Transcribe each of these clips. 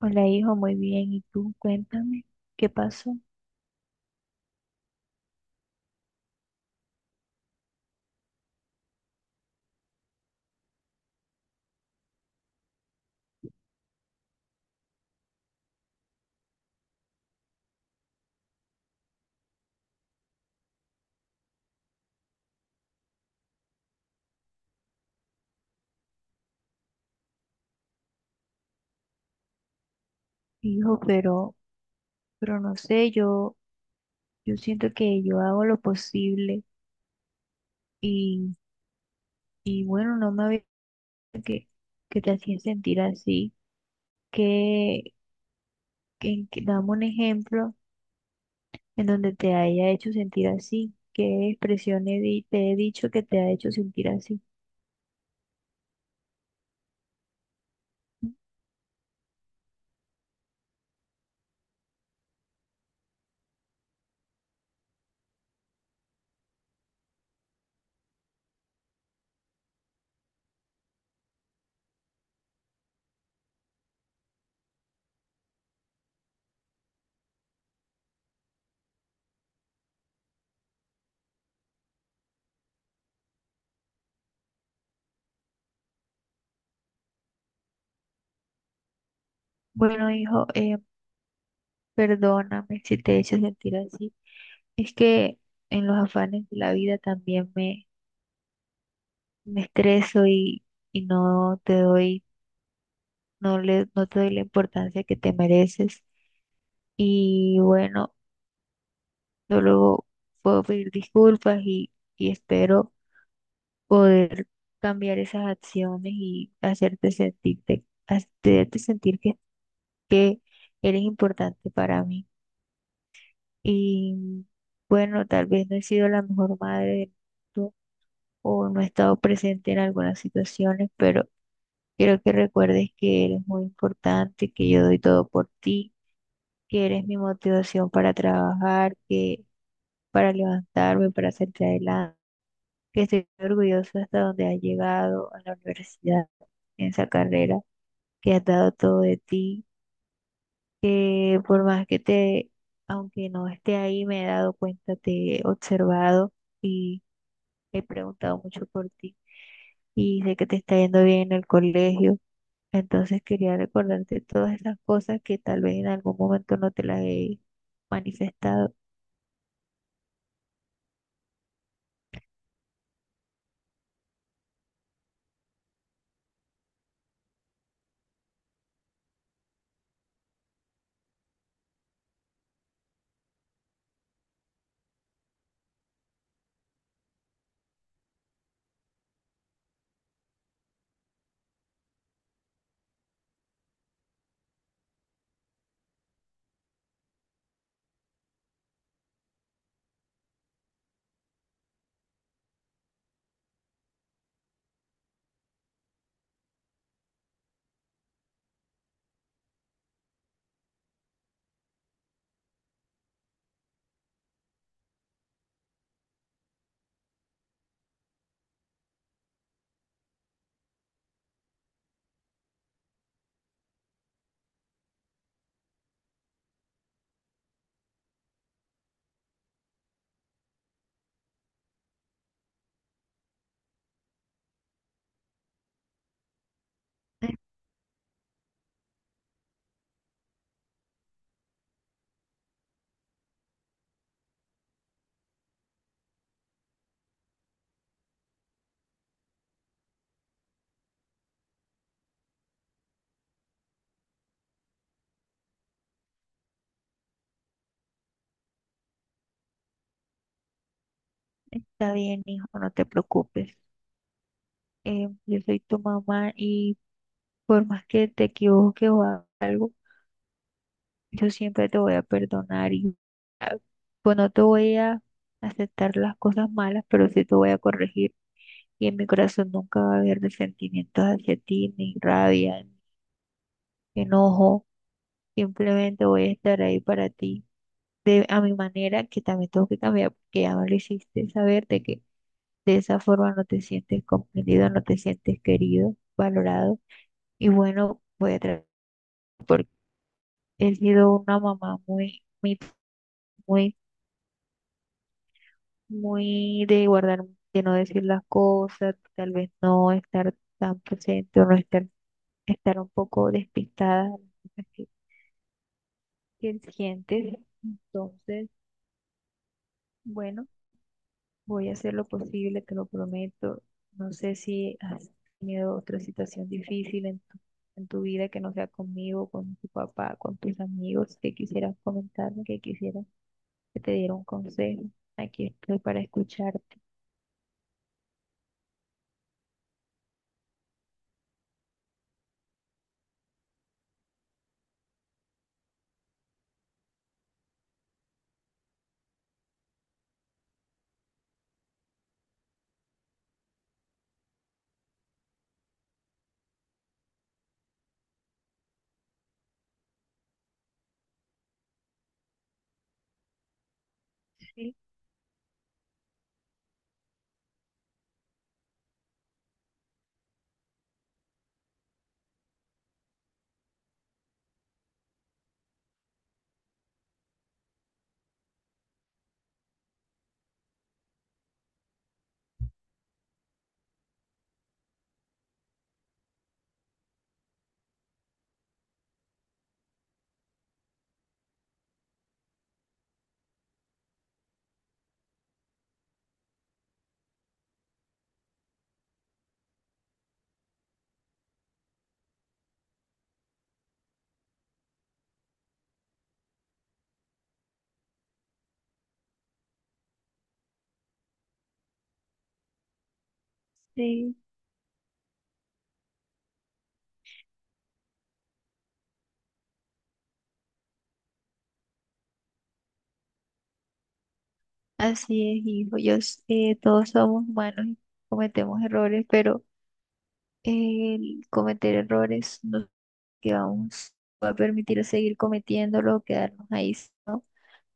Hola, hijo, muy bien. ¿Y tú? Cuéntame, ¿qué pasó? Hijo, pero no sé, yo siento que yo hago lo posible y, y bueno, no me había que, que te hacía sentir así, que, dame un ejemplo en donde te haya hecho sentir así, qué expresión te he dicho que te ha hecho sentir así. Bueno, hijo, perdóname si te he hecho sentir así. Es que en los afanes de la vida también me estreso y no te doy, no le, no te doy la importancia que te mereces. Y bueno, yo luego puedo pedir disculpas y espero poder cambiar esas acciones y hacerte sentirte, hacerte sentir que eres importante para mí. Y bueno, tal vez no he sido la mejor madre del mundo o no he estado presente en algunas situaciones, pero quiero que recuerdes que eres muy importante, que yo doy todo por ti, que eres mi motivación para trabajar, que para levantarme, para hacerte adelante, que estoy orgulloso hasta donde has llegado a la universidad, en esa carrera, que has dado todo de ti, que por más que te, aunque no esté ahí, me he dado cuenta, te he observado y he preguntado mucho por ti y sé que te está yendo bien en el colegio. Entonces quería recordarte todas esas cosas que tal vez en algún momento no te las he manifestado. "Eh, Está bien, hijo, no te preocupes. Yo soy tu mamá y por más que te equivoques o hagas algo, yo siempre te voy a perdonar y ah, pues no te voy a aceptar las cosas malas, pero sí te voy a corregir. Y en mi corazón nunca va a haber resentimientos hacia ti, ni rabia, ni enojo. Simplemente voy a estar ahí para ti, de, a mi manera, que también tengo que cambiar, porque ahora lo hiciste saber de que de esa forma no te sientes comprendido, no te sientes querido, valorado. Y bueno, voy a tratar, porque he sido una mamá muy, muy, muy, muy de guardar, de no decir las cosas, tal vez no estar tan presente o no estar, estar un poco despistada de las cosas que sientes. Entonces, bueno. Voy a hacer lo posible, te lo prometo. No sé si has tenido otra situación difícil en tu vida que no sea conmigo, con tu papá, con tus amigos, que quisieras comentarme, que quisieras que te diera un consejo. Aquí estoy para escucharte. Sí, sí, así es, hijo. Todos somos humanos y cometemos errores, pero el cometer errores no que vamos a permitir seguir cometiéndolo, quedarnos ahí, ¿no?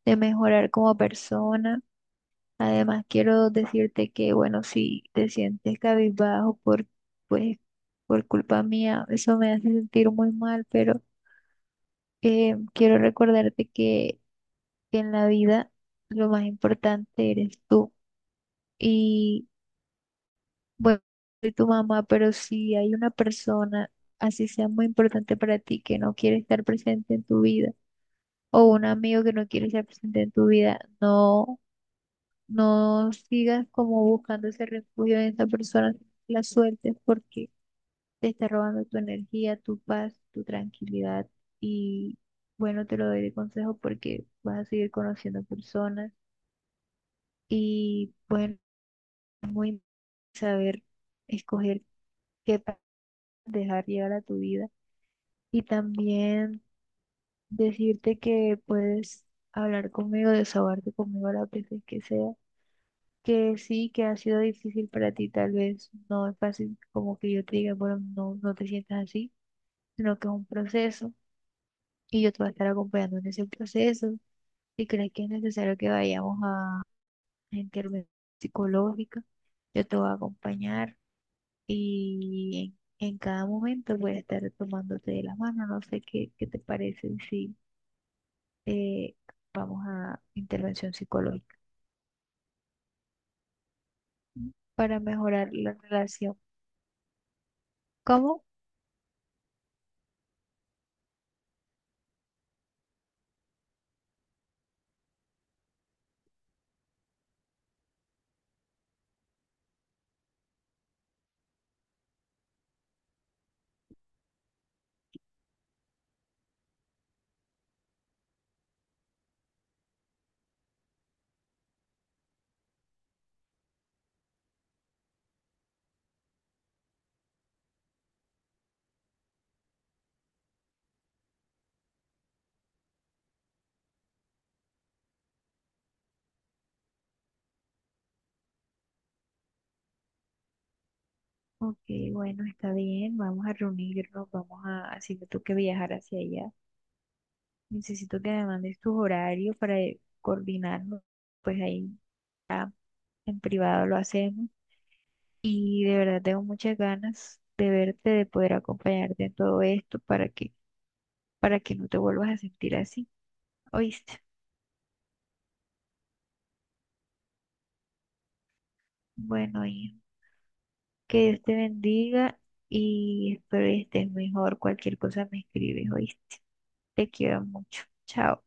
De mejorar como persona. Además, quiero decirte que, bueno, si te sientes cabizbajo por, pues, por culpa mía, eso me hace sentir muy mal, pero quiero recordarte que en la vida lo más importante eres tú. Y, bueno, soy tu mamá, pero si hay una persona, así sea muy importante para ti, que no quiere estar presente en tu vida, o un amigo que no quiere estar presente en tu vida, no. No sigas como buscando ese refugio en esa persona, la sueltes porque te está robando tu energía, tu paz, tu tranquilidad. Y bueno, te lo doy de consejo porque vas a seguir conociendo personas y bueno, es muy saber escoger qué pa- dejar llegar a tu vida. Y también decirte que puedes hablar conmigo, desahogarte conmigo las veces que sea, que sí, que ha sido difícil para ti, tal vez no es fácil como que yo te diga, bueno, no, no te sientas así, sino que es un proceso y yo te voy a estar acompañando en ese proceso. Si crees que es necesario que vayamos a intervención psicológica, yo te voy a acompañar y en cada momento voy a estar tomándote de la mano. No sé qué, qué te parece si eh, vamos a intervención psicológica para mejorar la relación. ¿Cómo? Ok, bueno, está bien, vamos a reunirnos, vamos a, así me toque viajar hacia allá. Necesito que me mandes tus horarios para coordinarnos, pues ahí ya en privado lo hacemos. Y de verdad tengo muchas ganas de verte, de poder acompañarte en todo esto para que no te vuelvas a sentir así, ¿oíste? Bueno, y que Dios te bendiga y espero que estés mejor. Cualquier cosa me escribes, ¿oíste? Te quiero mucho. Chao.